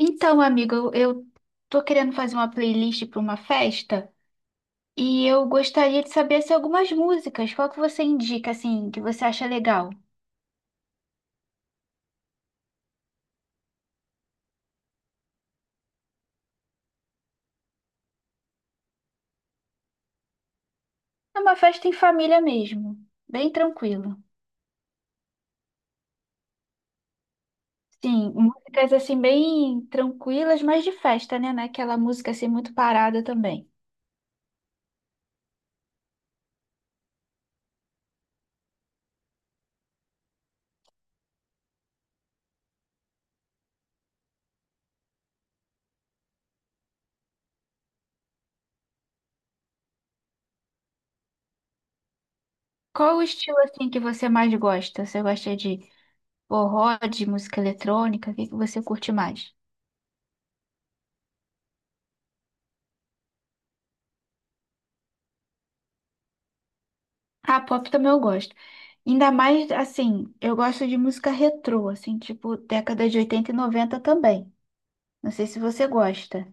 Então, amigo, eu tô querendo fazer uma playlist para uma festa e eu gostaria de saber se algumas músicas, qual que você indica assim, que você acha legal? É uma festa em família mesmo, bem tranquilo. Sim, músicas assim bem tranquilas, mas de festa, né? Não é aquela música assim muito parada também. Qual o estilo assim que você mais gosta? Você gosta de forró, de música eletrônica? O que você curte mais? Ah, pop também eu gosto. Ainda mais, assim, eu gosto de música retrô, assim, tipo década de 80 e 90 também. Não sei se você gosta.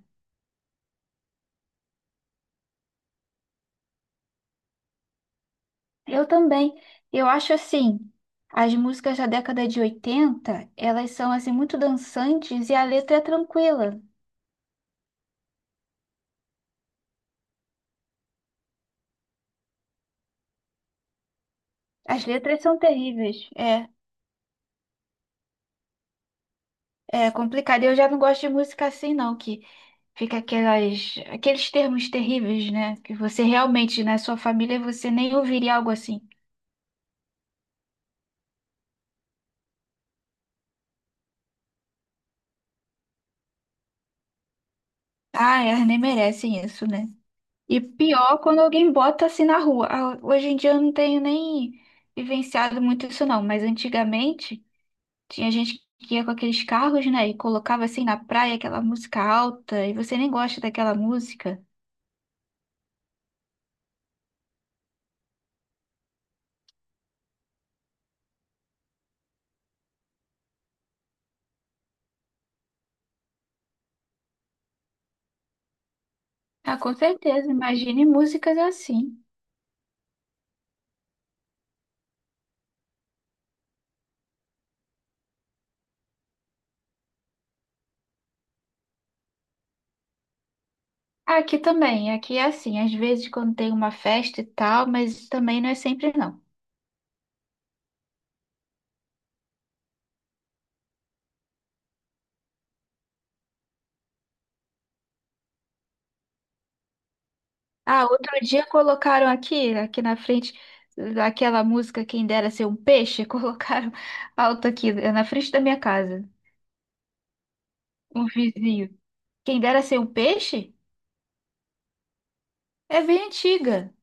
Eu também. Eu acho, assim, as músicas da década de 80, elas são, assim, muito dançantes e a letra é tranquila. As letras são terríveis. É, é complicado. Eu já não gosto de música assim, não, que fica aquelas, aqueles termos terríveis, né? Que você realmente, na sua família, você nem ouviria algo assim. Ah, elas nem merecem isso, né? E pior quando alguém bota assim na rua. Ah, hoje em dia eu não tenho nem vivenciado muito isso não, mas antigamente tinha gente que ia com aqueles carros, né, e colocava assim na praia aquela música alta e você nem gosta daquela música. Ah, com certeza, imagine músicas assim. Aqui também, aqui é assim, às vezes quando tem uma festa e tal, mas também não é sempre não. Ah, outro dia colocaram aqui, aqui na frente, aquela música Quem Dera Ser um Peixe, colocaram alto aqui, na frente da minha casa, um vizinho. Quem Dera Ser um Peixe? É bem antiga.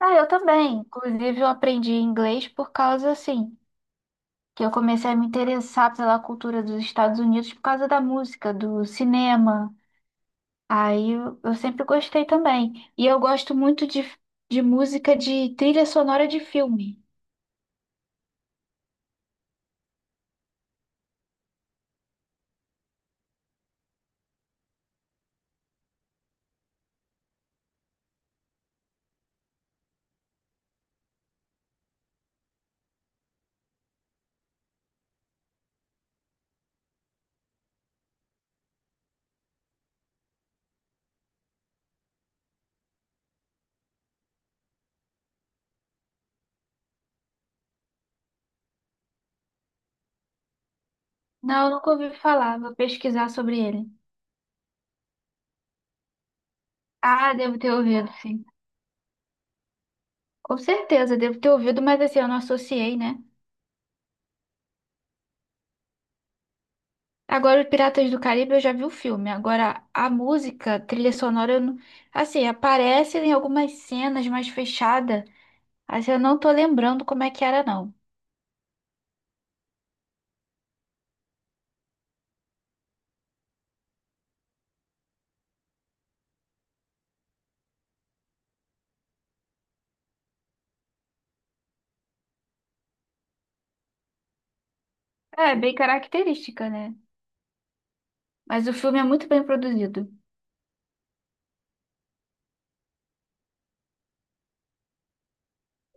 Ah, eu também. Inclusive, eu aprendi inglês por causa, assim, que eu comecei a me interessar pela cultura dos Estados Unidos por causa da música, do cinema. Aí eu sempre gostei também. E eu gosto muito de música de trilha sonora de filme. Não, nunca ouvi falar. Vou pesquisar sobre ele. Ah, devo ter ouvido, sim. Com certeza, devo ter ouvido, mas assim, eu não associei, né? Agora, o Piratas do Caribe, eu já vi o filme. Agora, a música, trilha sonora, eu não, assim, aparece em algumas cenas mais fechada. Assim, eu não tô lembrando como é que era, não. É, bem característica, né? Mas o filme é muito bem produzido.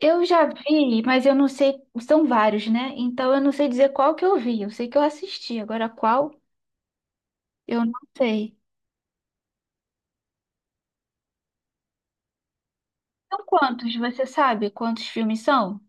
Eu já vi, mas eu não sei, são vários, né? Então eu não sei dizer qual que eu vi. Eu sei que eu assisti, agora qual, eu não sei. São quantos? Você sabe quantos filmes são?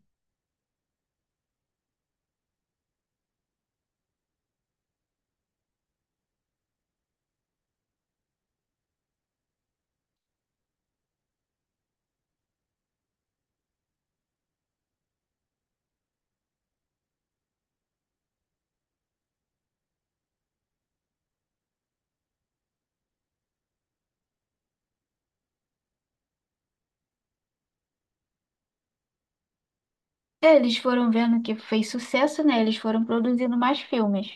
É, eles foram vendo que fez sucesso, né? Eles foram produzindo mais filmes.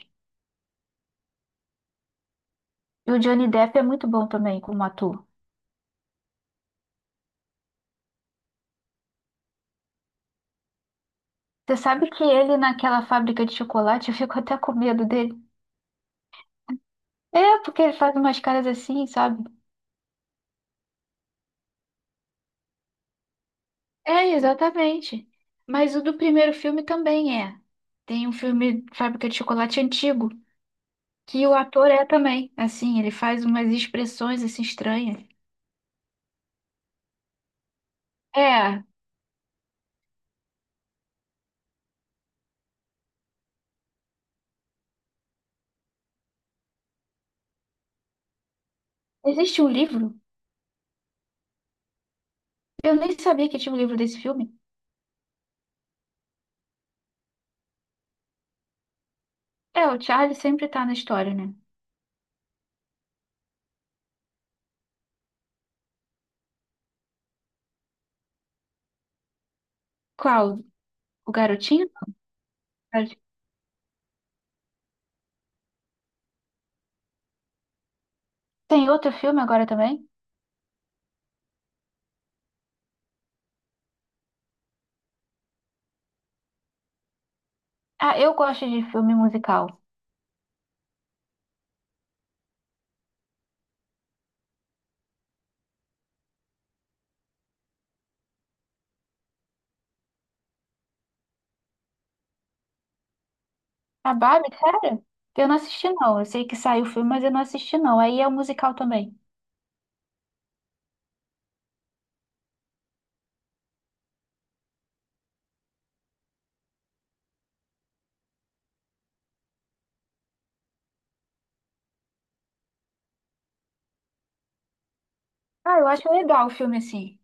E o Johnny Depp é muito bom também como ator. Você sabe que ele naquela fábrica de chocolate, eu fico até com medo dele. É, porque ele faz umas caras assim, sabe? É, exatamente. Mas o do primeiro filme também é. Tem um filme Fábrica de Chocolate antigo, que o ator é também. Assim, ele faz umas expressões assim estranhas. É, existe um livro? Eu nem sabia que tinha um livro desse filme. É, o Charlie sempre tá na história, né? Qual? O Garotinho? Tem outro filme agora também? Ah, eu gosto de filme musical. A Barbie, sério? Eu não assisti, não. Eu sei que saiu o filme, mas eu não assisti, não. Aí é o musical também. Ah, eu acho legal o filme assim.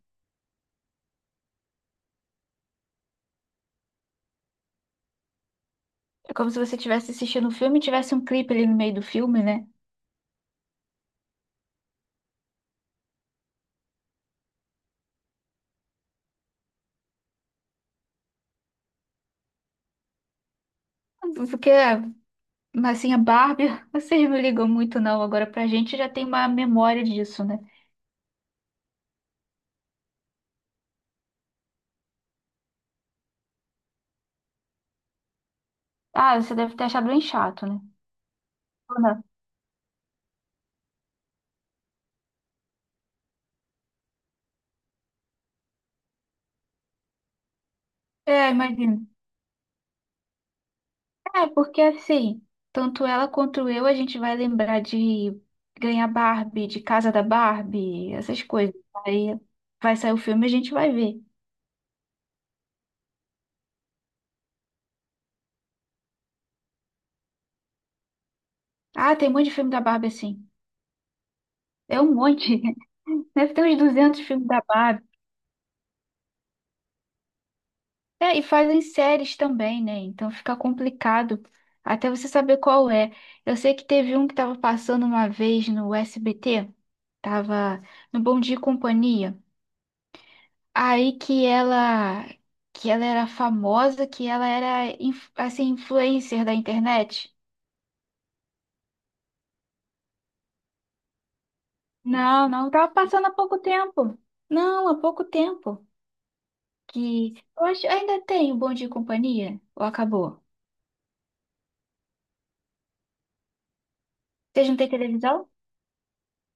É como se você estivesse assistindo o filme e tivesse um clipe ali no meio do filme, né? Porque, assim, a Barbie, vocês não ligam muito, não. Agora, pra gente já tem uma memória disso, né? Ah, você deve ter achado bem chato, né? Ou não? É, imagino. É, porque assim, tanto ela quanto eu, a gente vai lembrar de ganhar Barbie, de Casa da Barbie, essas coisas. Aí vai sair o filme e a gente vai ver. Ah, tem um monte de filme da Barbie assim. É um monte. Deve ter uns 200 filmes da Barbie. É, e fazem séries também, né? Então fica complicado até você saber qual é. Eu sei que teve um que tava passando uma vez no SBT, tava no Bom Dia e Companhia. Aí que ela era famosa, que ela era assim influencer da internet. Não, não, tava passando há pouco tempo. Não, há pouco tempo. Que eu acho ainda tem o Bom Dia e Companhia ou acabou? Vocês não têm televisão?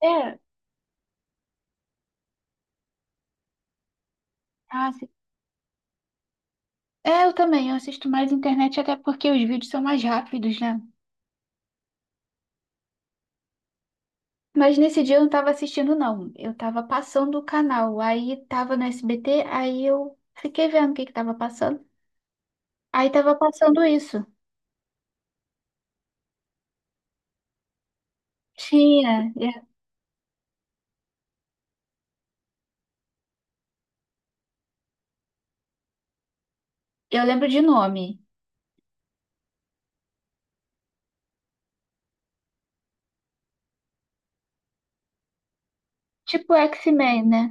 É, ah, se- é, eu também, eu assisto mais internet até porque os vídeos são mais rápidos, né? Mas nesse dia eu não tava assistindo não. Eu tava passando o canal. Aí tava no SBT, aí eu fiquei vendo o que que tava passando. Aí tava passando isso. Tinha, eu lembro de nome. Tipo X-Men, né?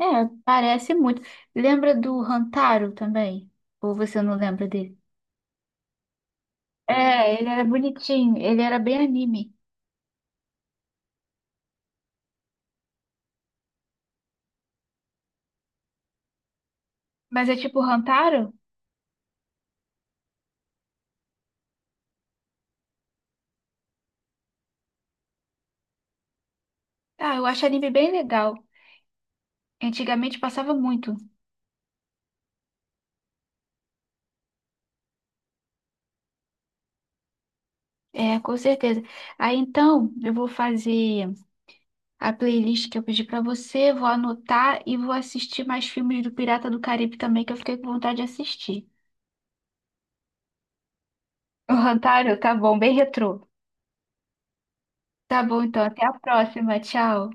É, parece muito. Lembra do Hantaro também? Ou você não lembra dele? É, ele era bonitinho, ele era bem anime. Mas é tipo Hantaro? Ah, eu acho anime bem legal. Antigamente passava muito. É, com certeza. Aí então, eu vou fazer a playlist que eu pedi pra você, vou anotar e vou assistir mais filmes do Pirata do Caribe também, que eu fiquei com vontade de assistir. O Hantaro, tá bom, bem retrô. Tá bom, então. Até a próxima. Tchau.